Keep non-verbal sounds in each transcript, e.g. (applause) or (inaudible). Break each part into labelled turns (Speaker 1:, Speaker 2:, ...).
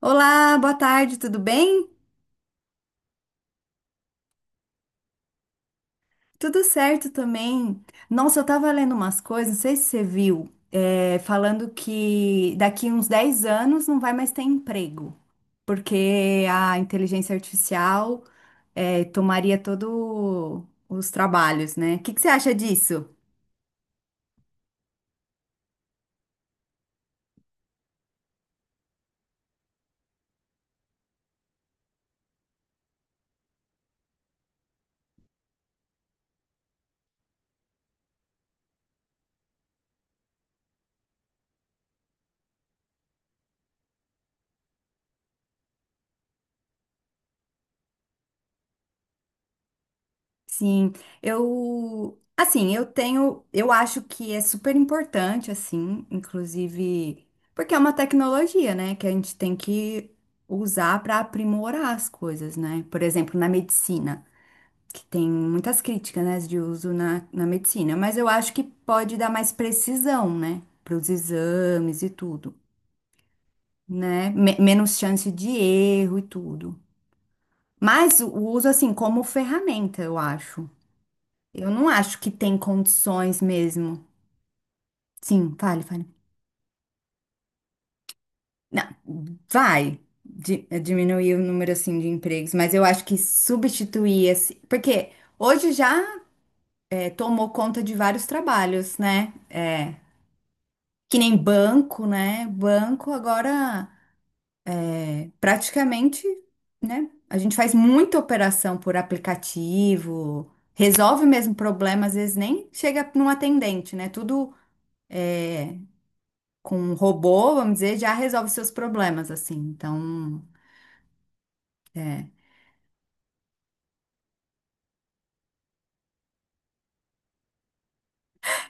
Speaker 1: Olá, boa tarde, tudo bem? Tudo certo também. Nossa, eu tava lendo umas coisas, não sei se você viu, falando que daqui uns 10 anos não vai mais ter emprego, porque a inteligência artificial, tomaria todos os trabalhos, né? O que que você acha disso? Sim, eu, assim, eu acho que é super importante, assim, inclusive, porque é uma tecnologia, né, que a gente tem que usar para aprimorar as coisas, né? Por exemplo, na medicina, que tem muitas críticas, né, de uso na medicina, mas eu acho que pode dar mais precisão, né, para os exames e tudo, né? Menos chance de erro e tudo. Mas o uso, assim, como ferramenta, eu acho. Eu não acho que tem condições mesmo. Sim, fale, fale. Não, vai diminuir o número assim de empregos, mas eu acho que substituir esse, porque hoje já é, tomou conta de vários trabalhos, né? É, que nem banco, né? Banco agora é, praticamente, né? A gente faz muita operação por aplicativo, resolve mesmo problema, às vezes nem chega num atendente, né? Tudo é, com um robô, vamos dizer, já resolve seus problemas, assim. Então, é.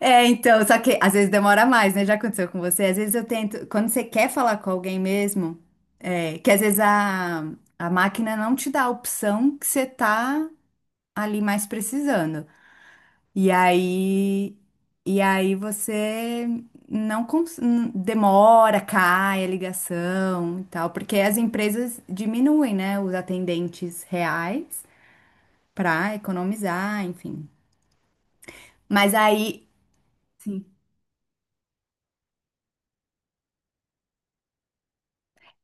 Speaker 1: É, então, só que às vezes demora mais, né? Já aconteceu com você. Às vezes eu tento, quando você quer falar com alguém mesmo, é, que às vezes a máquina não te dá a opção que você tá ali mais precisando. E aí, e aí você não cons- n- demora, cai a ligação e tal, porque as empresas diminuem, né, os atendentes reais, pra economizar, enfim. Mas aí, sim,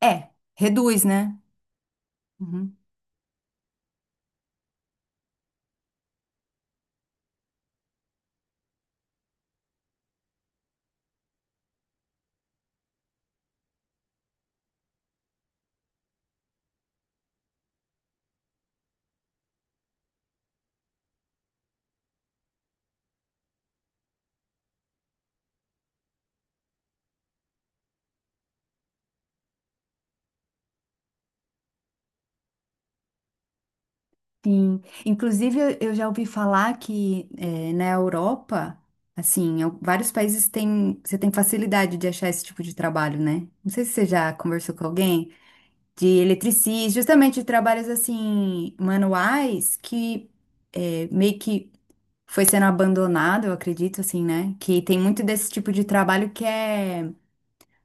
Speaker 1: é, reduz, né? Uhum. Sim. Inclusive, eu já ouvi falar que é, na Europa, assim, vários países têm, você tem facilidade de achar esse tipo de trabalho, né? Não sei se você já conversou com alguém de eletricista, justamente de trabalhos assim manuais que é, meio que foi sendo abandonado, eu acredito, assim, né? Que tem muito desse tipo de trabalho que é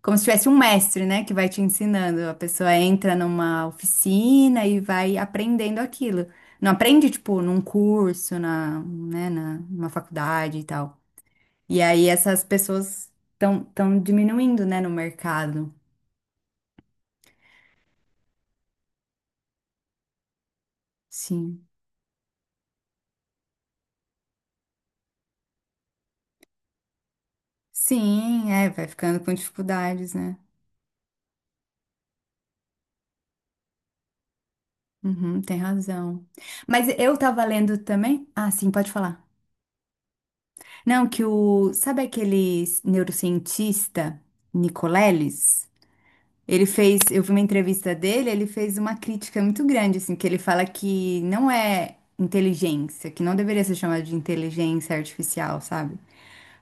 Speaker 1: como se tivesse um mestre, né, que vai te ensinando. A pessoa entra numa oficina e vai aprendendo aquilo. Não aprende, tipo, num curso, numa faculdade e tal. E aí essas pessoas estão diminuindo, né, no mercado. Sim. Sim, é, vai ficando com dificuldades, né? Uhum, tem razão. Mas eu tava lendo também. Ah, sim, pode falar. Não, que o. Sabe aquele neurocientista, Nicoleles? Ele fez, eu vi uma entrevista dele, ele fez uma crítica muito grande, assim, que ele fala que não é inteligência, que não deveria ser chamado de inteligência artificial, sabe?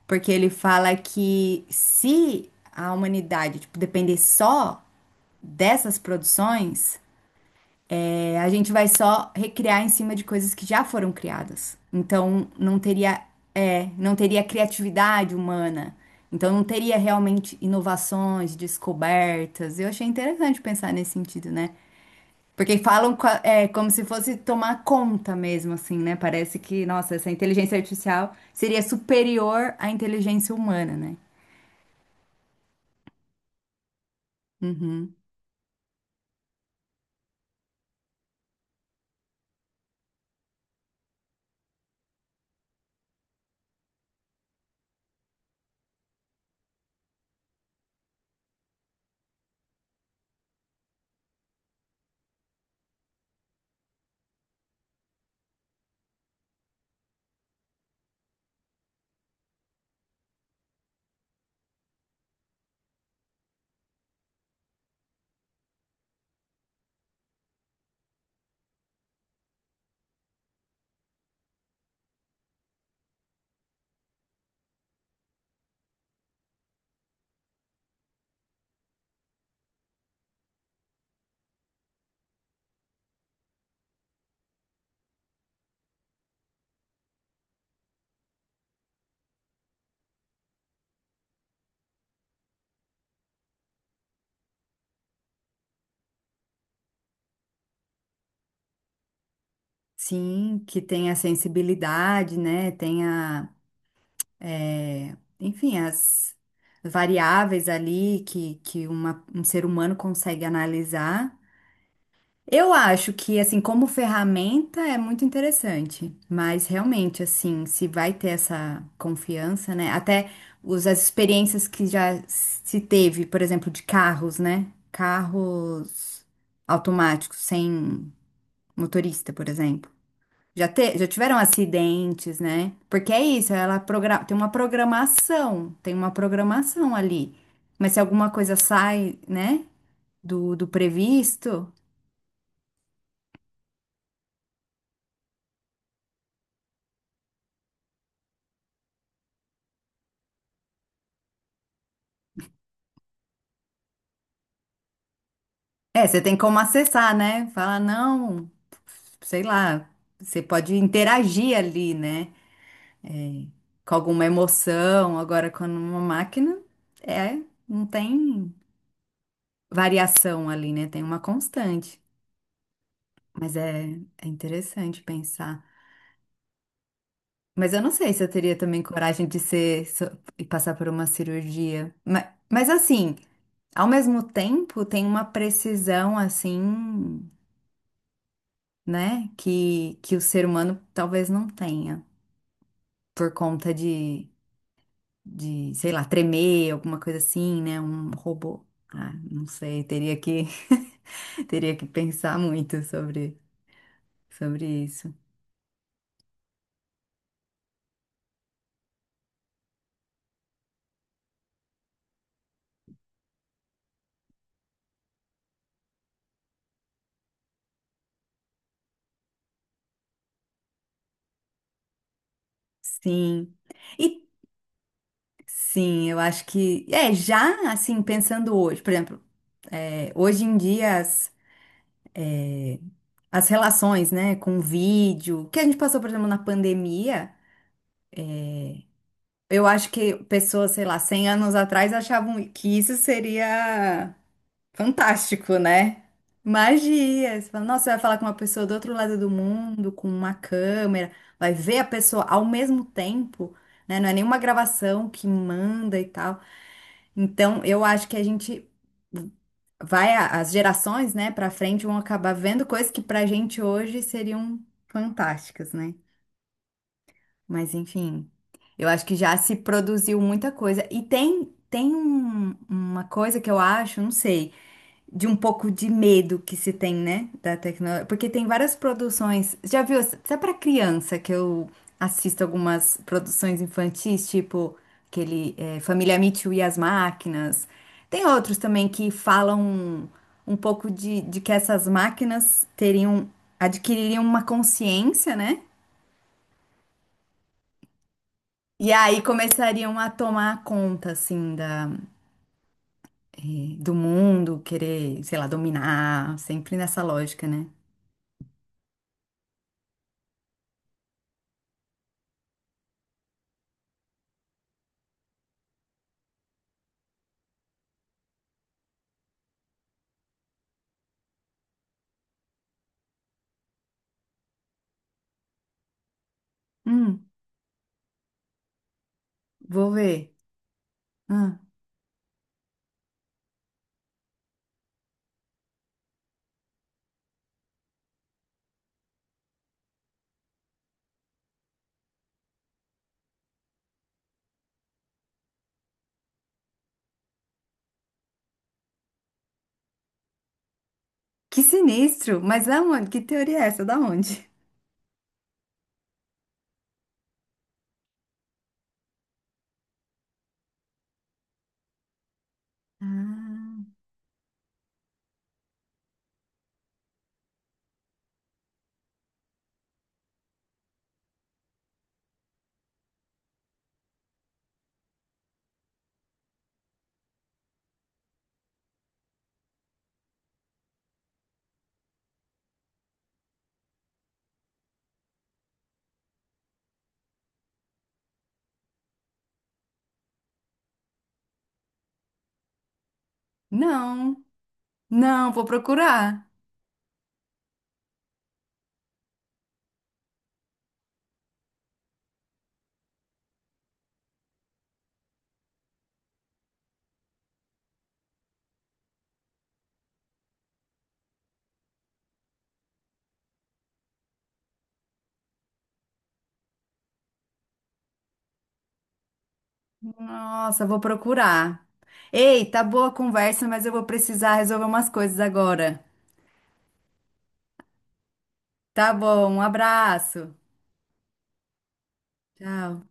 Speaker 1: Porque ele fala que se a humanidade, tipo, depender só dessas produções, a gente vai só recriar em cima de coisas que já foram criadas. Então não teria, não teria criatividade humana. Então não teria realmente inovações, descobertas. Eu achei interessante pensar nesse sentido, né? Porque como se fosse tomar conta mesmo, assim, né? Parece que, nossa, essa inteligência artificial seria superior à inteligência humana, né? Sim, que tem a sensibilidade, né? Tem a, enfim, as variáveis ali que, um ser humano consegue analisar. Eu acho que, assim, como ferramenta é muito interessante, mas realmente, assim, se vai ter essa confiança, né? As experiências que já se teve, por exemplo, de carros, né? Carros automáticos, sem motorista, por exemplo. Já tiveram acidentes, né? Porque é isso, tem uma programação ali. Mas se alguma coisa sai, né, do previsto, é, você tem como acessar, né? Falar, não, sei lá, você pode interagir ali, né? Com alguma emoção. Agora, quando uma máquina, é, não tem variação ali, né? Tem uma constante. Mas é, é interessante pensar. Mas eu não sei se eu teria também coragem de ser e passar por uma cirurgia. Mas assim, ao mesmo tempo, tem uma precisão assim, né, que o ser humano talvez não tenha por conta de, sei lá, tremer, alguma coisa assim, né, um robô. Ah, não sei, teria que (laughs) teria que pensar muito sobre, sobre isso. Sim. E sim, eu acho que. É, já assim, pensando hoje, por exemplo. É, hoje em dia, eh, as relações, né, com vídeo, que a gente passou, por exemplo, na pandemia, eu acho que pessoas, sei lá, 100 anos atrás achavam que isso seria fantástico, né? Magia. Você fala, nossa, você vai falar com uma pessoa do outro lado do mundo, com uma câmera, vai ver a pessoa ao mesmo tempo, né? Não é nenhuma gravação que manda e tal. Então, eu acho que a gente vai, as gerações, né, para frente vão acabar vendo coisas que pra gente hoje seriam fantásticas, né? Mas enfim, eu acho que já se produziu muita coisa. E tem uma coisa que eu acho, não sei de um pouco de medo que se tem, né, da tecnologia, porque tem várias produções. Já viu, até para criança que eu assisto algumas produções infantis, tipo aquele Família Mitchell e as Máquinas. Tem outros também que falam um pouco de que essas máquinas teriam adquiririam uma consciência, né? E aí começariam a tomar conta, assim, da, do mundo, querer, sei lá, dominar, sempre nessa lógica, né? Hum. Vou ver. Ah, que sinistro! Mas aonde? Que teoria é essa? Da onde? Ah, não, não, vou procurar. Nossa, vou procurar. Ei, tá boa a conversa, mas eu vou precisar resolver umas coisas agora. Tá bom, um abraço. Tchau.